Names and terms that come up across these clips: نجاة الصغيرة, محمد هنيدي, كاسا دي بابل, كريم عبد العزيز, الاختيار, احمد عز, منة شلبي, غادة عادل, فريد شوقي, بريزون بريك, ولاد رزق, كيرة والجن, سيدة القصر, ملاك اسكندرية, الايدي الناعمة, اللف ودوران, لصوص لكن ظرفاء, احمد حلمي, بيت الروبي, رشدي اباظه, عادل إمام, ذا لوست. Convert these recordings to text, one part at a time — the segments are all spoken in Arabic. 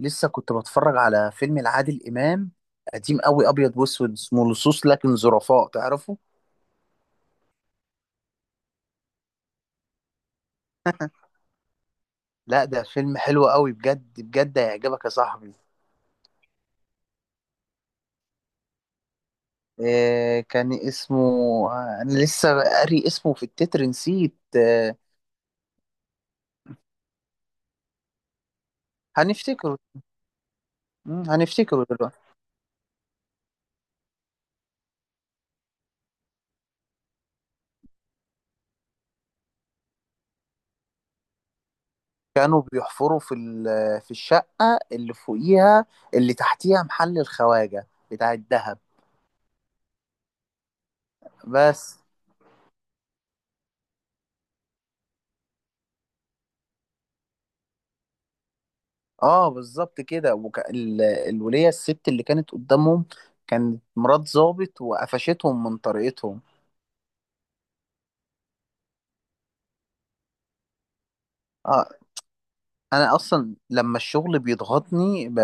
لسه كنت بتفرج على فيلم لعادل إمام قديم قوي، أبيض وأسود، اسمه لصوص لكن ظرفاء، تعرفه؟ لا، ده فيلم حلو قوي بجد بجد، هيعجبك يا صاحبي. آه كان اسمه، أنا لسه قاري اسمه في التتر، نسيت. آه، هنفتكره. هنفتكره دلوقتي. كانوا بيحفروا في الشقة اللي فوقيها، اللي تحتيها محل الخواجة بتاع الذهب. بس اه، بالظبط كده. الولية الست اللي كانت قدامهم، كانت مرات ضابط، وقفشتهم من طريقتهم. اه، انا اصلا لما الشغل بيضغطني ب...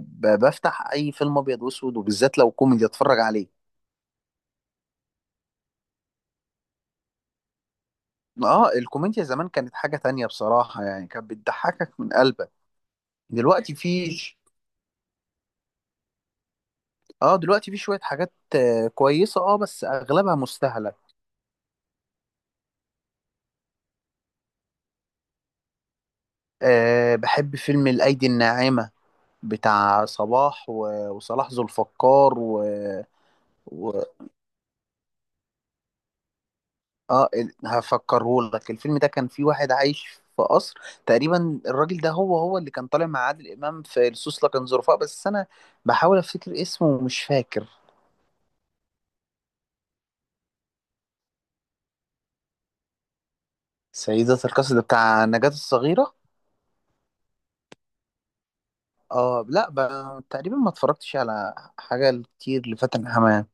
ب... بفتح اي فيلم ابيض واسود، وبالذات لو كوميدي، اتفرج عليه. اه، الكوميديا زمان كانت حاجة تانية بصراحة، يعني كانت بتضحكك من قلبك. دلوقتي في، اه دلوقتي في شوية حاجات كويسة، اه بس اغلبها مستهلك. آه، بحب فيلم الايدي الناعمة، بتاع وصلاح ذو الفقار و... اه. هفكره لك، الفيلم ده كان فيه واحد عايش في قصر. تقريبا الراجل ده هو اللي كان طالع مع عادل امام في لصوص لكن ظرفاء، بس انا بحاول افتكر اسمه ومش فاكر. سيدة القصر ده بتاع نجاة الصغيرة. اه لا تقريبا ما اتفرجتش على حاجة كتير لفاتن حمام.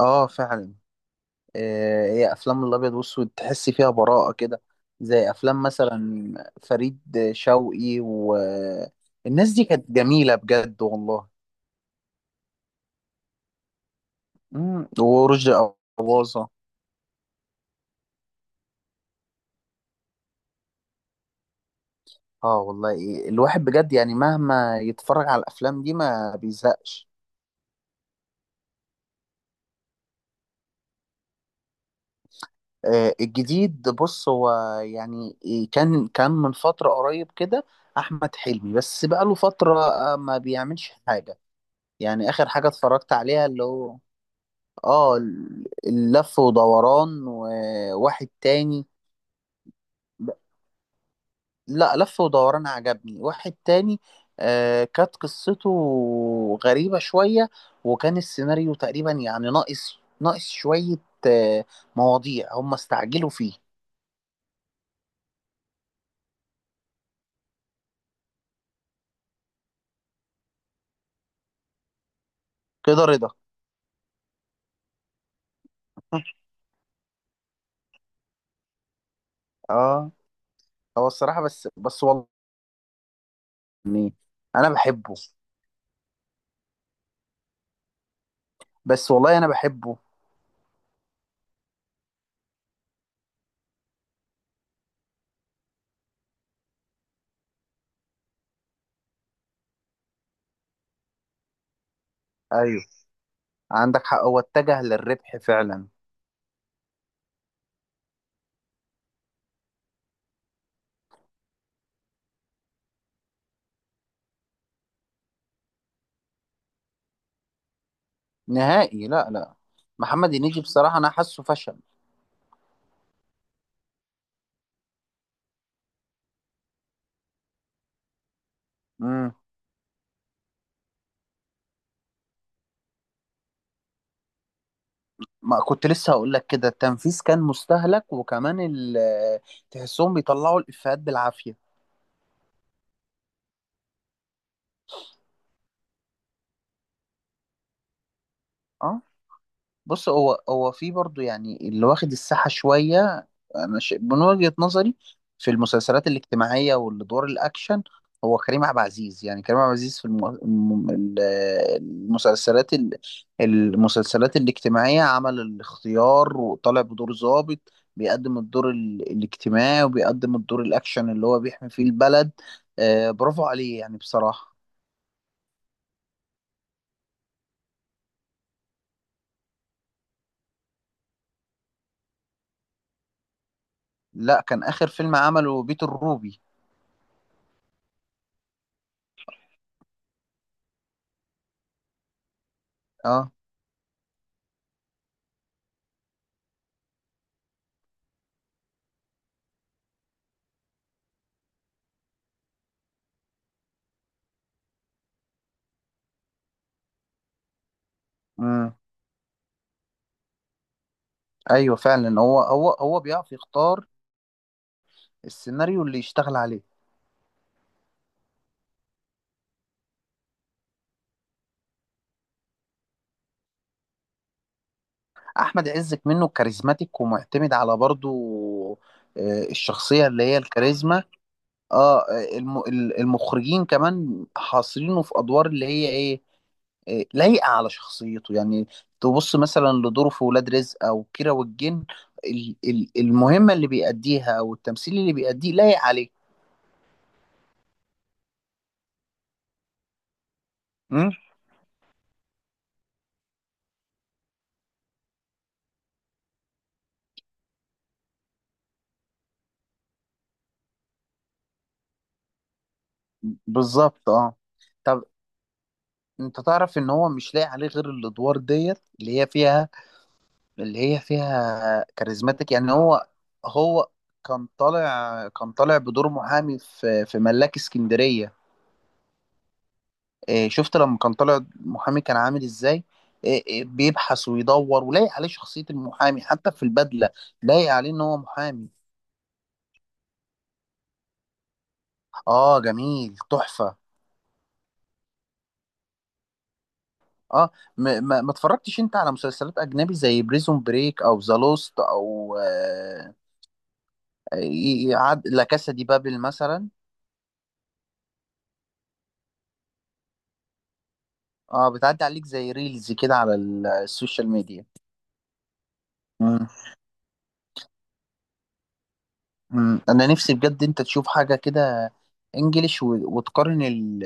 اه فعلا. هي افلام الابيض والاسود تحس فيها براءه كده، زي افلام مثلا فريد شوقي، والناس دي كانت جميله بجد والله. ورشدي اباظه. اه والله الواحد بجد يعني مهما يتفرج على الافلام دي ما بيزهقش. الجديد، بص هو يعني كان من فتره قريب كده، احمد حلمي، بس بقاله فتره ما بيعملش حاجه. يعني اخر حاجه اتفرجت عليها اللي هو اه، اللف ودوران، وواحد تاني. ب- لا، لف ودوران عجبني، واحد تاني آه كانت قصته غريبة شوية، وكان السيناريو تقريبا يعني ناقص شوية آه، مواضيع هم استعجلوا فيه. كده رضا. اه، هو الصراحة بس والله يعني، انا بحبه. بس والله انا بحبه. ايوه، عندك حق، هو اتجه للربح فعلا. نهائي، لا لا، محمد هنيدي بصراحة انا حاسه فشل. امم، ما كنت لسه هقول لك كده، التنفيذ كان مستهلك، وكمان تحسهم بيطلعوا الإفيهات بالعافية. اه، بص، هو في برضو يعني اللي واخد الساحة شوية. من وجهة نظري في المسلسلات الاجتماعية والدور الأكشن، هو كريم عبد العزيز. يعني كريم عبد العزيز في المسلسلات ال... المسلسلات الاجتماعية عمل الاختيار، وطالع بدور ضابط، بيقدم الاجتماعي، وبيقدم الدور الأكشن اللي هو بيحمي فيه البلد. آه، برافو عليه يعني بصراحة. لا، كان آخر فيلم عمله بيت الروبي. اه ايوه فعلا، هو بيعرف يختار السيناريو اللي يشتغل عليه. احمد عز منه كاريزماتيك، ومعتمد على برضو الشخصيه اللي هي الكاريزما. اه المخرجين كمان حاصرينه في ادوار اللي هي ايه، لايقه على شخصيته يعني. تبص مثلا لدوره في ولاد رزق او كيرة والجن، المهمه اللي بيأديها او التمثيل اللي بيأديه لايق عليه. مم؟ بالظبط اه. طب انت تعرف ان هو مش لاقي عليه غير الادوار ديت، اللي هي فيها، اللي هي فيها كاريزماتيك، يعني هو. هو كان طالع بدور محامي في في ملاك اسكندرية. اه، شفت لما كان طالع محامي كان عامل ازاي؟ اه، اه، بيبحث ويدور، ولاقي عليه شخصية المحامي حتى في البدلة. لاقي عليه ان هو محامي. اه جميل، تحفة. اه ما اتفرجتش انت على مسلسلات اجنبي زي بريزون بريك، او ذا لوست، او يعد لا كاسا دي بابل مثلا. اه، بتعدي عليك زي ريلز كده على السوشيال ميديا. مم. مم. انا نفسي بجد انت تشوف حاجه كده انجليش، وتقارن ال-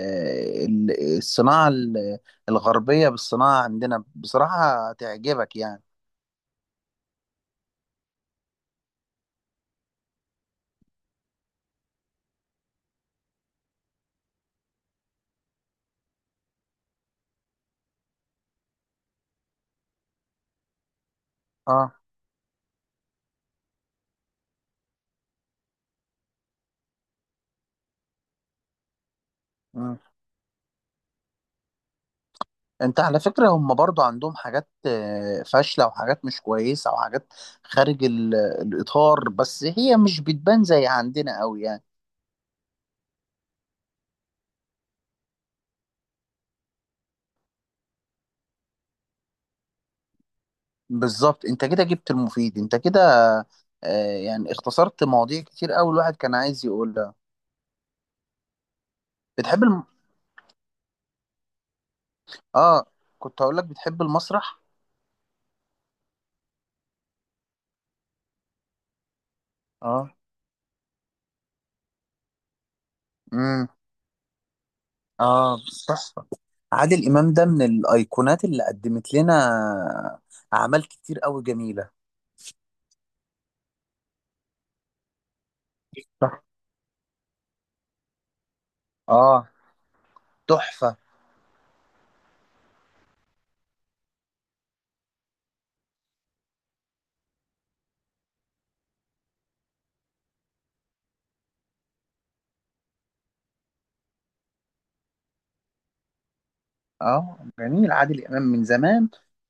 ال- الصناعه الغربيه بالصناعه عندنا، بصراحه تعجبك يعني. اه. مم. انت على فكره هم برضو عندهم حاجات فاشله، وحاجات مش كويسه، وحاجات خارج الاطار، بس هي مش بتبان زي عندنا قوي يعني. بالظبط، انت كده جبت المفيد، انت كده آه يعني اختصرت مواضيع كتير قوي الواحد كان عايز يقولها. بتحب الم... اه، كنت هقول لك بتحب المسرح؟ اه. امم. اه، تحفه. عادل امام ده من الايقونات اللي قدمت لنا اعمال كتير قوي جميله. صح. اه، تحفه. اه جميل، عادل امام من زمان،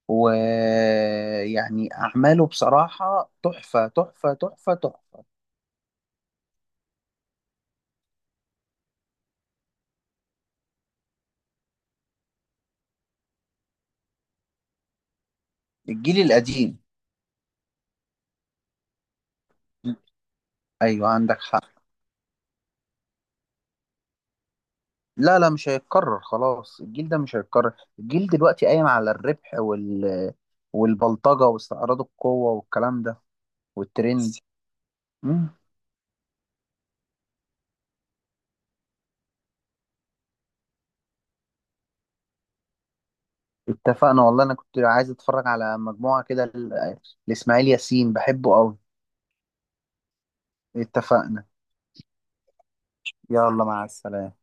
ويعني اعماله بصراحه تحفه. الجيل القديم. ايوه عندك حق. لا لا، مش هيتكرر خلاص، الجيل ده مش هيتكرر. الجيل دلوقتي قايم على الربح، والبلطجة واستعراض القوة والكلام ده. والترند. مم. اتفقنا والله، انا كنت عايز اتفرج على مجموعة كده لإسماعيل ياسين، بحبه قوي. اتفقنا. يلا، مع السلامة.